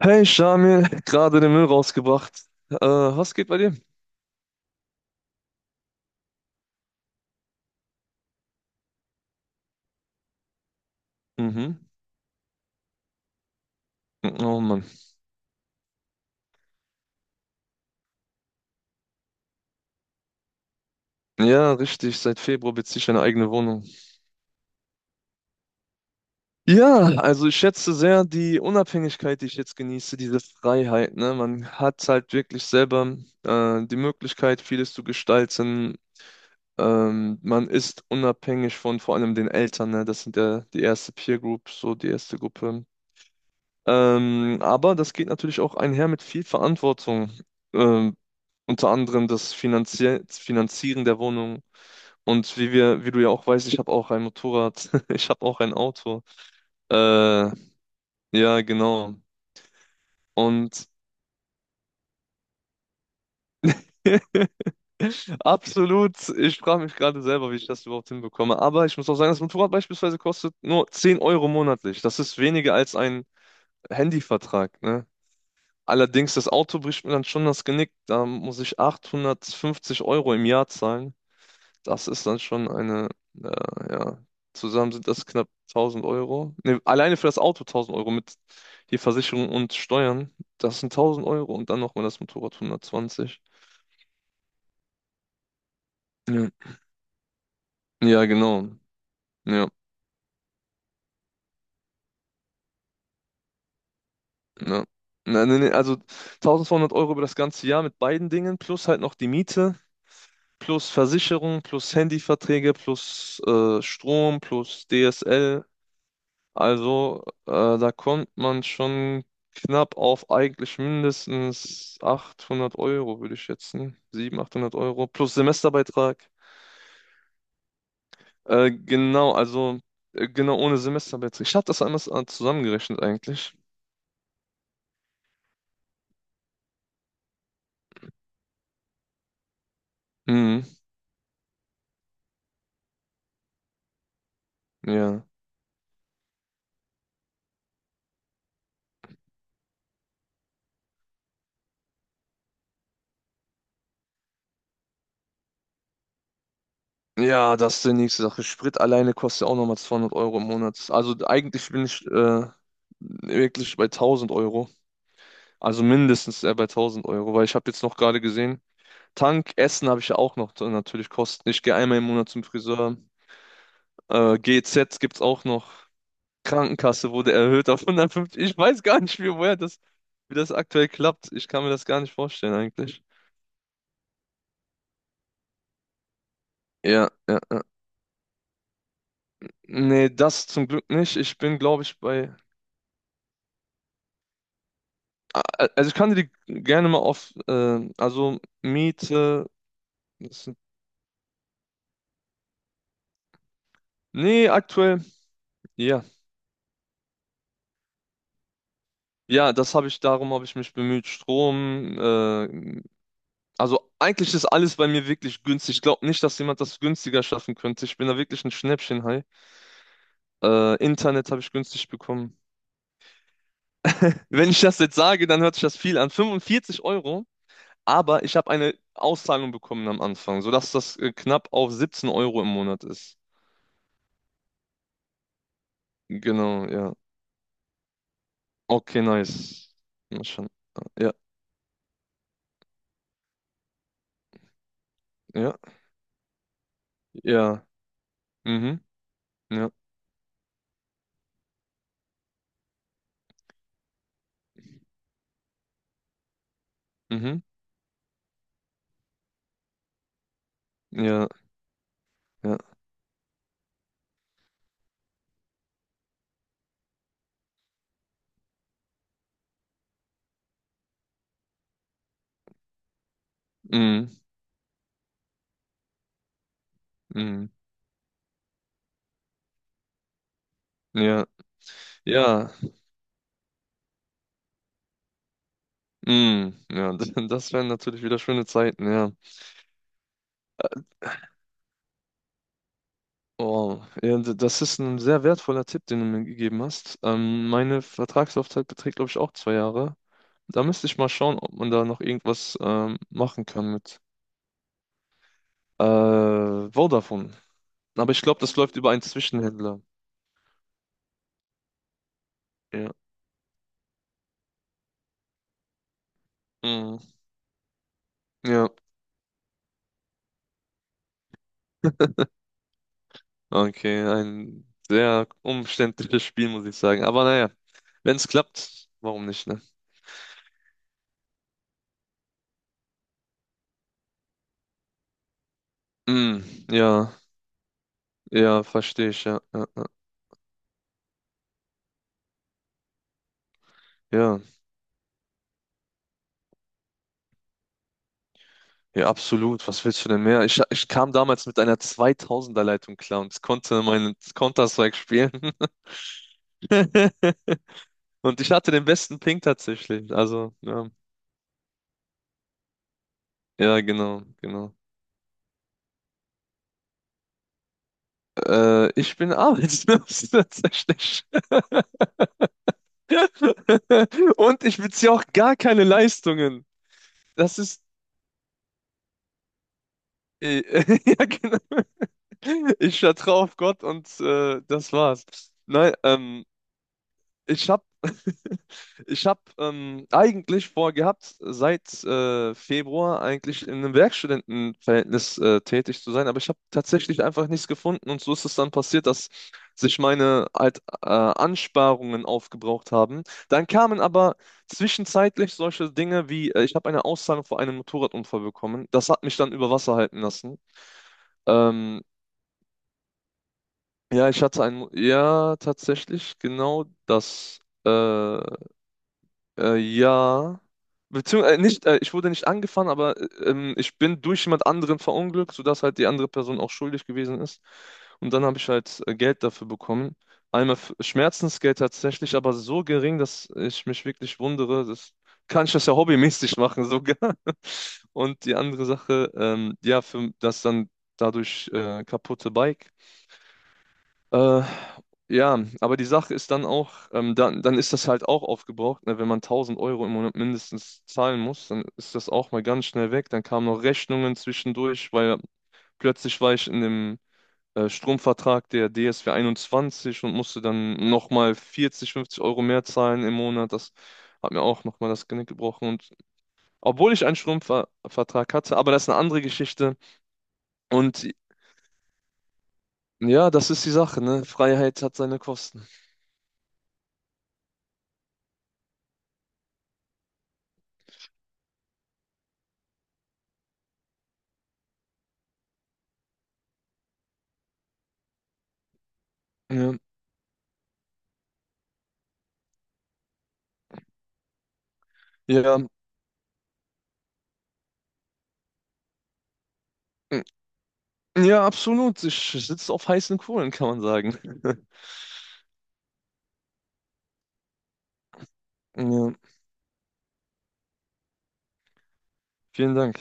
Hey Shamil, gerade den Müll rausgebracht. Was geht bei dir? Mhm. Oh Mann. Ja, richtig. Seit Februar beziehe ich eine eigene Wohnung. Ja, also ich schätze sehr die Unabhängigkeit, die ich jetzt genieße, diese Freiheit. Ne? Man hat halt wirklich selber die Möglichkeit, vieles zu gestalten. Man ist unabhängig von vor allem den Eltern. Ne? Das sind ja die erste Peer Group, so die erste Gruppe. Aber das geht natürlich auch einher mit viel Verantwortung. Ähm, Unter anderem das Finanzieren der Wohnung. Und wie wir, wie du ja auch weißt, ich habe auch ein Motorrad, ich habe auch ein Auto. Äh, ja, genau. Und absolut, ich frage mich gerade selber, wie ich das überhaupt hinbekomme. Aber ich muss auch sagen, das Motorrad beispielsweise kostet nur 10€ monatlich. Das ist weniger als ein Handyvertrag, ne? Allerdings, das Auto bricht mir dann schon das Genick. Da muss ich 850€ im Jahr zahlen. Das ist dann schon eine, äh, ja, zusammen sind das knapp 1000€. Ne, alleine für das Auto 1000€ mit die Versicherung und Steuern. Das sind 1000€ und dann nochmal das Motorrad 120. Ja, ja genau. Ja, ja. Na, nee, nee, also 1200€ über das ganze Jahr mit beiden Dingen, plus halt noch die Miete, plus Versicherung, plus Handyverträge, plus Strom, plus DSL. Also, da kommt man schon knapp auf eigentlich mindestens 800€, würde ich schätzen. 700, 800€ plus Semesterbeitrag. Genau, also, genau ohne Semesterbeitrag. Ich habe das einmal zusammengerechnet eigentlich. Mhm, ja. Ja, das ist die nächste Sache. Sprit alleine kostet ja auch nochmal 200€ im Monat. Also, eigentlich bin ich wirklich bei 1000€. Also mindestens bei 1000€, weil ich habe jetzt noch gerade gesehen, Tank, Essen habe ich ja auch noch natürlich Kosten. Ich gehe einmal im Monat zum Friseur. GEZ gibt es auch noch. Krankenkasse wurde erhöht auf 150. Ich weiß gar nicht, wie, woher das, wie das aktuell klappt. Ich kann mir das gar nicht vorstellen eigentlich. Ja, ja, ja. Nee, das zum Glück nicht. Ich bin, glaube ich, bei. Also ich kann dir die gerne mal auf. Also Miete. Das sind. Nee, aktuell. Ja. Ja, das habe ich, darum habe ich mich bemüht. Strom, also eigentlich ist alles bei mir wirklich günstig. Ich glaube nicht, dass jemand das günstiger schaffen könnte. Ich bin da wirklich ein Schnäppchenhai. Internet habe ich günstig bekommen. Wenn ich das jetzt sage, dann hört sich das viel an. 45€, aber ich habe eine Auszahlung bekommen am Anfang, sodass das knapp auf 17€ im Monat ist. Genau, ja. Okay, nice. Mal schauen. Ja, ja, ja. Mhm, ja, mhm, ja, ja, mhm, mhm, ja, ja. Mm, ja, das wären natürlich wieder schöne Zeiten, ja. Oh, ja, das ist ein sehr wertvoller Tipp, den du mir gegeben hast. Meine Vertragslaufzeit beträgt, glaube ich, auch 2 Jahre. Da müsste ich mal schauen, ob man da noch irgendwas machen kann mit äh, Vodafone. Aber ich glaube, das läuft über einen Zwischenhändler. Ja. Mm, ja, okay, ein sehr umständliches Spiel, muss ich sagen. Aber naja, wenn es klappt, warum nicht, ne? Mm, ja, ja, verstehe ich, ja, ja. Ja. Ja, absolut. Was willst du denn mehr? Ich kam damals mit einer 2000er Leitung klar und konnte meinen Counter-Strike spielen. Und ich hatte den besten Ping tatsächlich. Also, ja. Ja, genau, genau. Ich bin arbeitslos tatsächlich. Und ich beziehe auch gar keine Leistungen. Das ist. äh, Ja, genau. Ich vertraue auf Gott und das war's. Nein, ich habe ich habe eigentlich vorgehabt, seit Februar eigentlich in einem Werkstudentenverhältnis tätig zu sein, aber ich habe tatsächlich einfach nichts gefunden und so ist es dann passiert, dass sich meine halt, Ansparungen aufgebraucht haben. Dann kamen aber zwischenzeitlich solche Dinge wie, ich habe eine Auszahlung vor einem Motorradunfall bekommen. Das hat mich dann über Wasser halten lassen. Ähm, ja, ich hatte ein, ja, tatsächlich genau das. Ja. Beziehungsweise, nicht, ich wurde nicht angefahren, aber ich bin durch jemand anderen verunglückt, sodass halt die andere Person auch schuldig gewesen ist. Und dann habe ich halt Geld dafür bekommen. Einmal Schmerzensgeld tatsächlich, aber so gering, dass ich mich wirklich wundere. Das kann ich das ja hobbymäßig machen sogar. Und die andere Sache, ja, für das dann dadurch kaputte Bike. Äh, ja, aber die Sache ist dann auch, dann ist das halt auch aufgebraucht, ne? Wenn man 1000€ im Monat mindestens zahlen muss, dann ist das auch mal ganz schnell weg. Dann kamen noch Rechnungen zwischendurch, weil plötzlich war ich in dem Stromvertrag der DSW 21 und musste dann nochmal 40, 50€ mehr zahlen im Monat. Das hat mir auch nochmal das Genick gebrochen. Und obwohl ich einen Stromvertrag hatte, aber das ist eine andere Geschichte. Und ja, das ist die Sache, ne? Freiheit hat seine Kosten. Ja, ja. Ja, absolut. Ich sitze auf heißen Kohlen, kann man sagen. Ja, vielen Dank.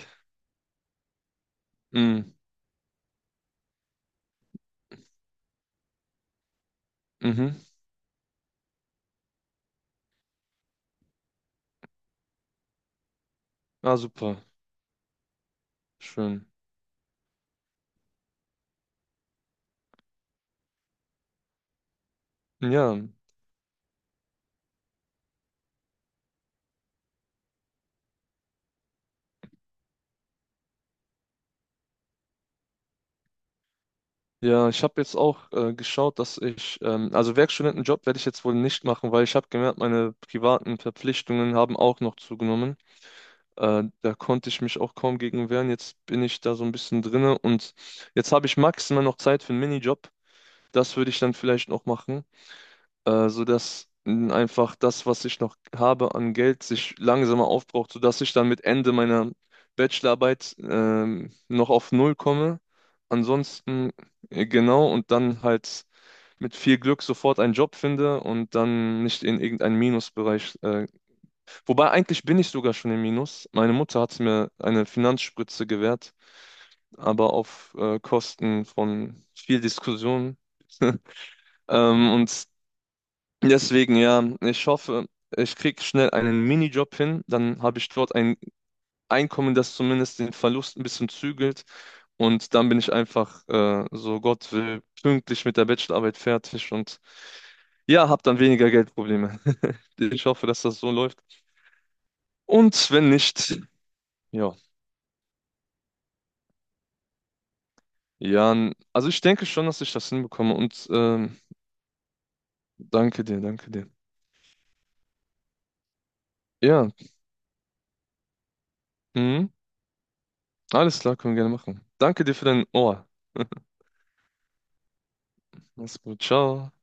Mm, mhm. Ah, super. Schön. Ja, ja, ich habe jetzt auch geschaut, dass ich, also Werkstudentenjob werde ich jetzt wohl nicht machen, weil ich habe gemerkt, meine privaten Verpflichtungen haben auch noch zugenommen. Da konnte ich mich auch kaum gegen wehren. Jetzt bin ich da so ein bisschen drinne und jetzt habe ich maximal noch Zeit für einen Minijob. Das würde ich dann vielleicht noch machen. Sodass mh, einfach das, was ich noch habe an Geld, sich langsamer aufbraucht, sodass ich dann mit Ende meiner Bachelorarbeit noch auf Null komme. Ansonsten, genau, und dann halt mit viel Glück sofort einen Job finde und dann nicht in irgendeinen Minusbereich. Wobei eigentlich bin ich sogar schon im Minus. Meine Mutter hat mir eine Finanzspritze gewährt, aber auf Kosten von viel Diskussion. Ähm, und Deswegen, ja, ich hoffe, ich kriege schnell einen Minijob hin, dann habe ich dort ein Einkommen, das zumindest den Verlust ein bisschen zügelt und dann bin ich einfach, so Gott will, pünktlich mit der Bachelorarbeit fertig und ja, habe dann weniger Geldprobleme. Ich hoffe, dass das so läuft. Und wenn nicht, ja, Jan, also ich denke schon, dass ich das hinbekomme und danke dir, danke dir. Ja, mhm, alles klar, können wir gerne machen. Danke dir für dein Ohr. Mach's gut, ciao.